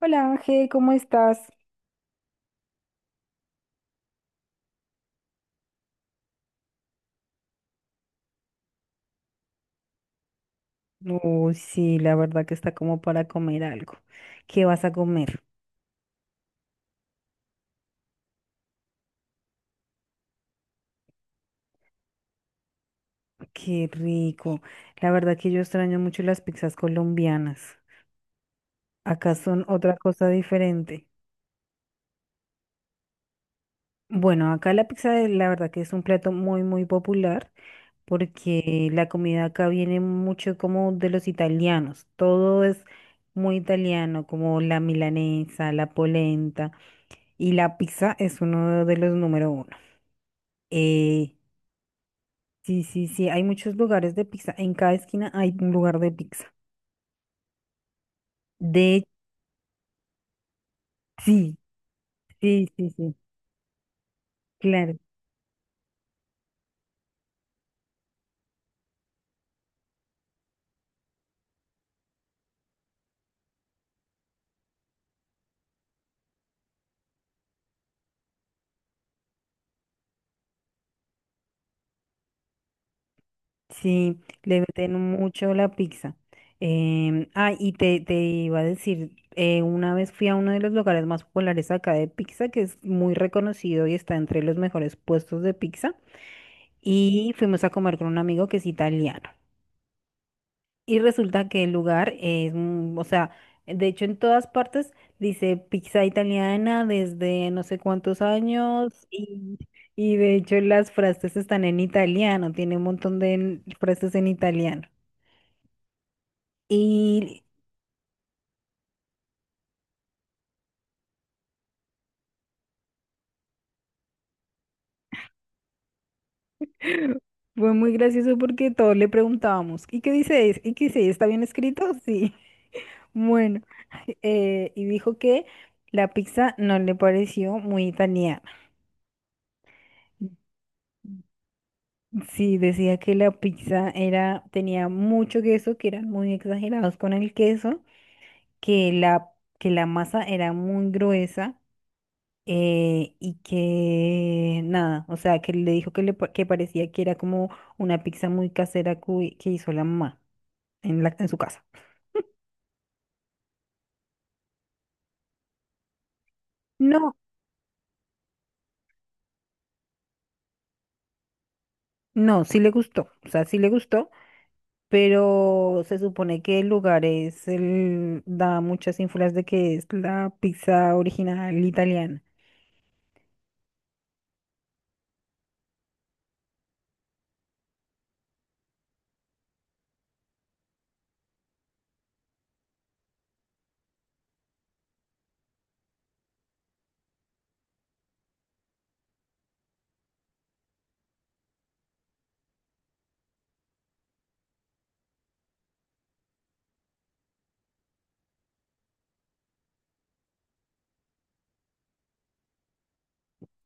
Hola Ángel, ¿cómo estás? Uy, sí, la verdad que está como para comer algo. ¿Qué vas a comer? Qué rico. La verdad que yo extraño mucho las pizzas colombianas. Acá son otra cosa diferente. Bueno, acá la pizza la verdad que es un plato muy popular porque la comida acá viene mucho como de los italianos. Todo es muy italiano, como la milanesa, la polenta y la pizza es uno de los número uno. Eh, Sí, sí, sí, hay muchos lugares de pizza. En cada esquina hay un lugar de pizza. De Sí, sí, sí, sí, claro. Sí, le meten mucho la pizza. Te iba a decir, una vez fui a uno de los lugares más populares acá de pizza, que es muy reconocido y está entre los mejores puestos de pizza, y fuimos a comer con un amigo que es italiano. Y resulta que el lugar es, o sea, de hecho en todas partes dice pizza italiana desde no sé cuántos años y de hecho las frases están en italiano, tiene un montón de frases en italiano. Y fue muy gracioso porque todos le preguntábamos, ¿y qué dice? ¿Y qué dice? ¿Está bien escrito? Sí, bueno. Y dijo que la pizza no le pareció muy italiana. Sí, decía que la pizza era, tenía mucho queso, que eran muy exagerados con el queso, que la, que la masa era muy gruesa, y que nada, o sea, que le dijo que, que parecía que era como una pizza muy casera que hizo la mamá en su casa. No, no, sí le gustó, o sea, sí le gustó, pero se supone que el lugar es, da muchas ínfulas de que es la pizza original italiana.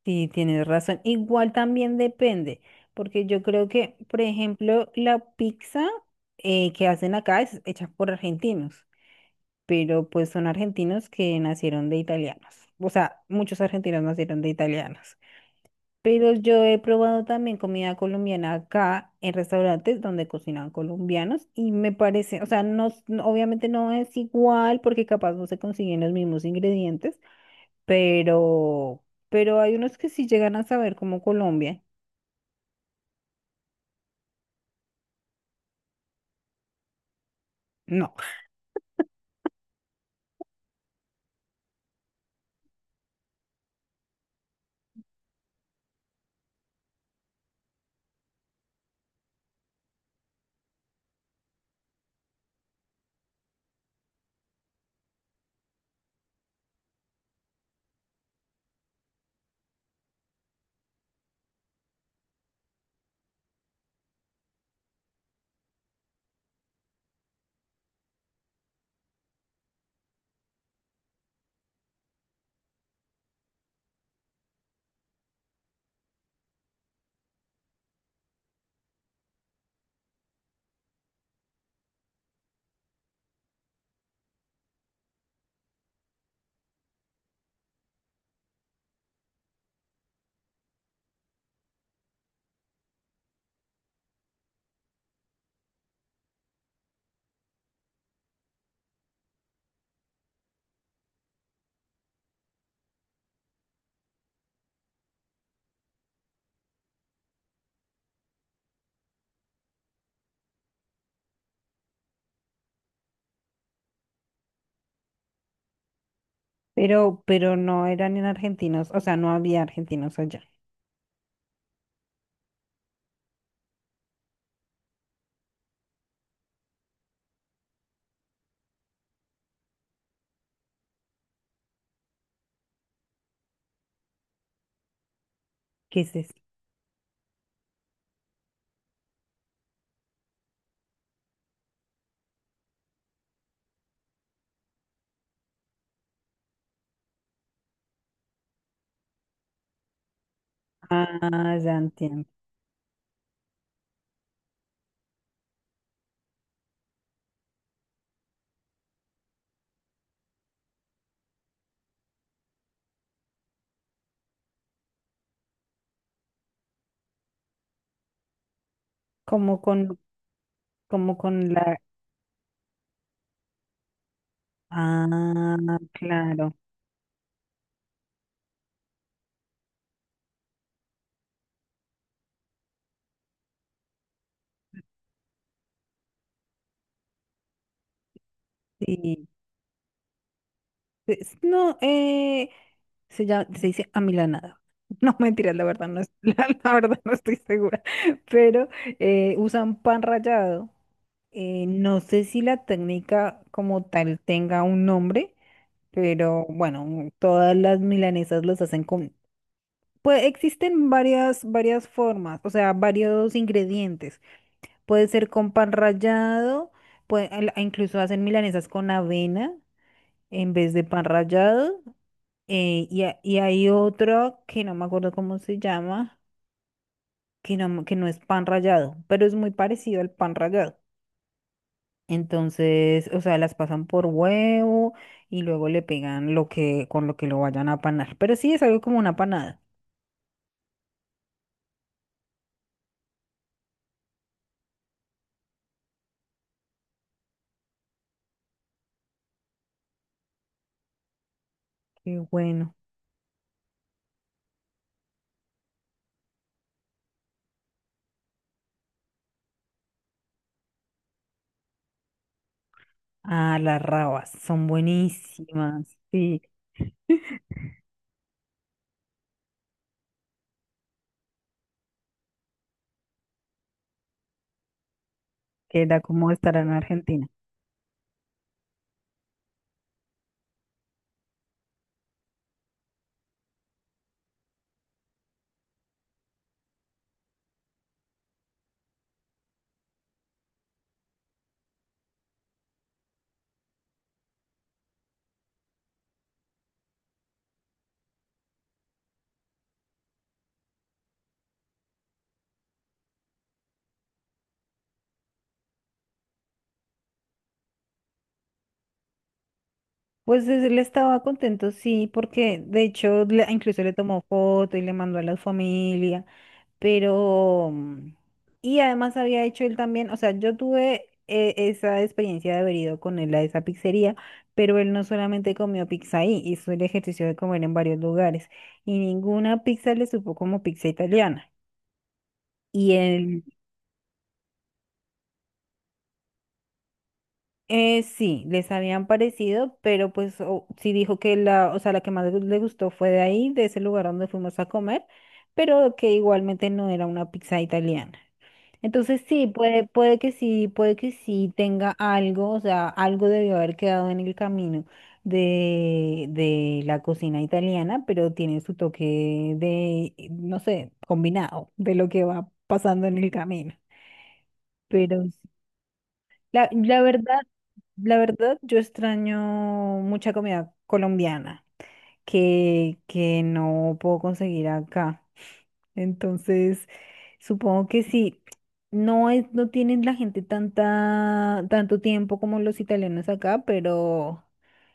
Sí, tienes razón. Igual también depende, porque yo creo que, por ejemplo, la pizza que hacen acá es hecha por argentinos, pero pues son argentinos que nacieron de italianos. O sea, muchos argentinos nacieron de italianos. Pero yo he probado también comida colombiana acá en restaurantes donde cocinan colombianos y me parece, o sea, obviamente no es igual porque capaz no se consiguen los mismos ingredientes, pero, pero hay unos que sí llegan a saber como Colombia. No, pero no eran en argentinos, o sea, no había argentinos allá. ¿Qué es eso? Ah, ya entiendo. Como con, como con la. Ah, claro. Sí. No, se llama, se dice amilanada. No, mentira, la verdad no es, la verdad no estoy segura. Pero usan pan rallado. No sé si la técnica como tal tenga un nombre, pero bueno, todas las milanesas los hacen con... Pues existen varias, varias formas, o sea, varios ingredientes. Puede ser con pan rallado, incluso hacen milanesas con avena en vez de pan rallado, y hay otro que no me acuerdo cómo se llama, que que no es pan rallado, pero es muy parecido al pan rallado. Entonces, o sea, las pasan por huevo y luego le pegan lo que, con lo que lo vayan a panar. Pero sí es algo como una panada. Qué bueno. Ah, las rabas son buenísimas. Sí, queda como estará en Argentina. Pues él estaba contento, sí, porque de hecho incluso le tomó foto y le mandó a la familia. Pero, y además había hecho él también, o sea, yo tuve esa experiencia de haber ido con él a esa pizzería, pero él no solamente comió pizza ahí, hizo el ejercicio de comer en varios lugares y ninguna pizza le supo como pizza italiana. Y él, sí, les habían parecido, pero pues sí dijo que la, o sea, la que más le gustó fue de ahí, de ese lugar donde fuimos a comer, pero que igualmente no era una pizza italiana. Entonces sí, puede, puede que sí tenga algo, o sea, algo debió haber quedado en el camino de la cocina italiana, pero tiene su toque de, no sé, combinado de lo que va pasando en el camino. Pero sí, la, la verdad, yo extraño mucha comida colombiana que no puedo conseguir acá. Entonces, supongo que sí. No es, no tienen la gente tanta, tanto tiempo como los italianos acá, pero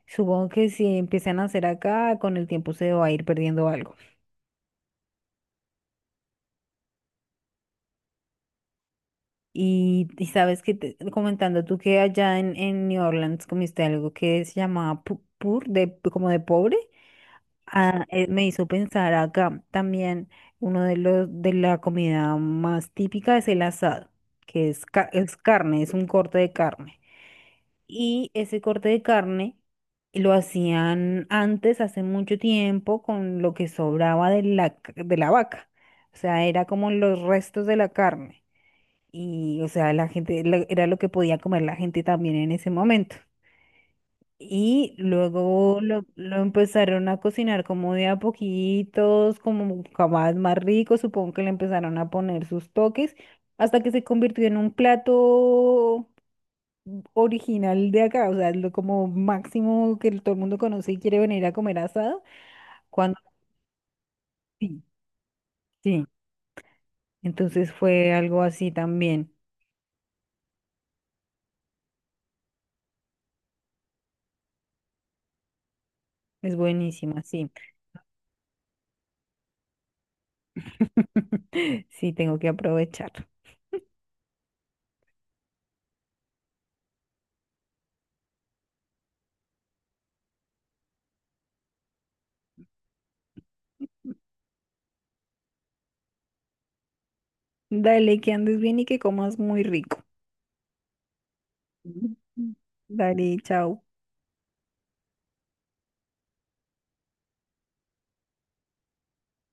supongo que si empiezan a hacer acá, con el tiempo se va a ir perdiendo algo. Y sabes que comentando tú que allá en New Orleans comiste algo que se llamaba pur, de, como de pobre, me hizo pensar acá también uno de los de la comida más típica es el asado, que es, es carne, es un corte de carne. Y ese corte de carne lo hacían antes, hace mucho tiempo, con lo que sobraba de la, de la vaca. O sea, era como los restos de la carne. Y, o sea, la gente era lo que podía comer la gente también en ese momento. Y luego lo empezaron a cocinar como de a poquitos, como más, más rico. Supongo que le empezaron a poner sus toques hasta que se convirtió en un plato original de acá, o sea, lo como máximo que todo el mundo conoce y quiere venir a comer asado, cuando sí, sí. Entonces fue algo así también. Es buenísima, sí. Sí, tengo que aprovechar. Dale, que andes bien y que comas muy rico. Ujú. Dale, chao.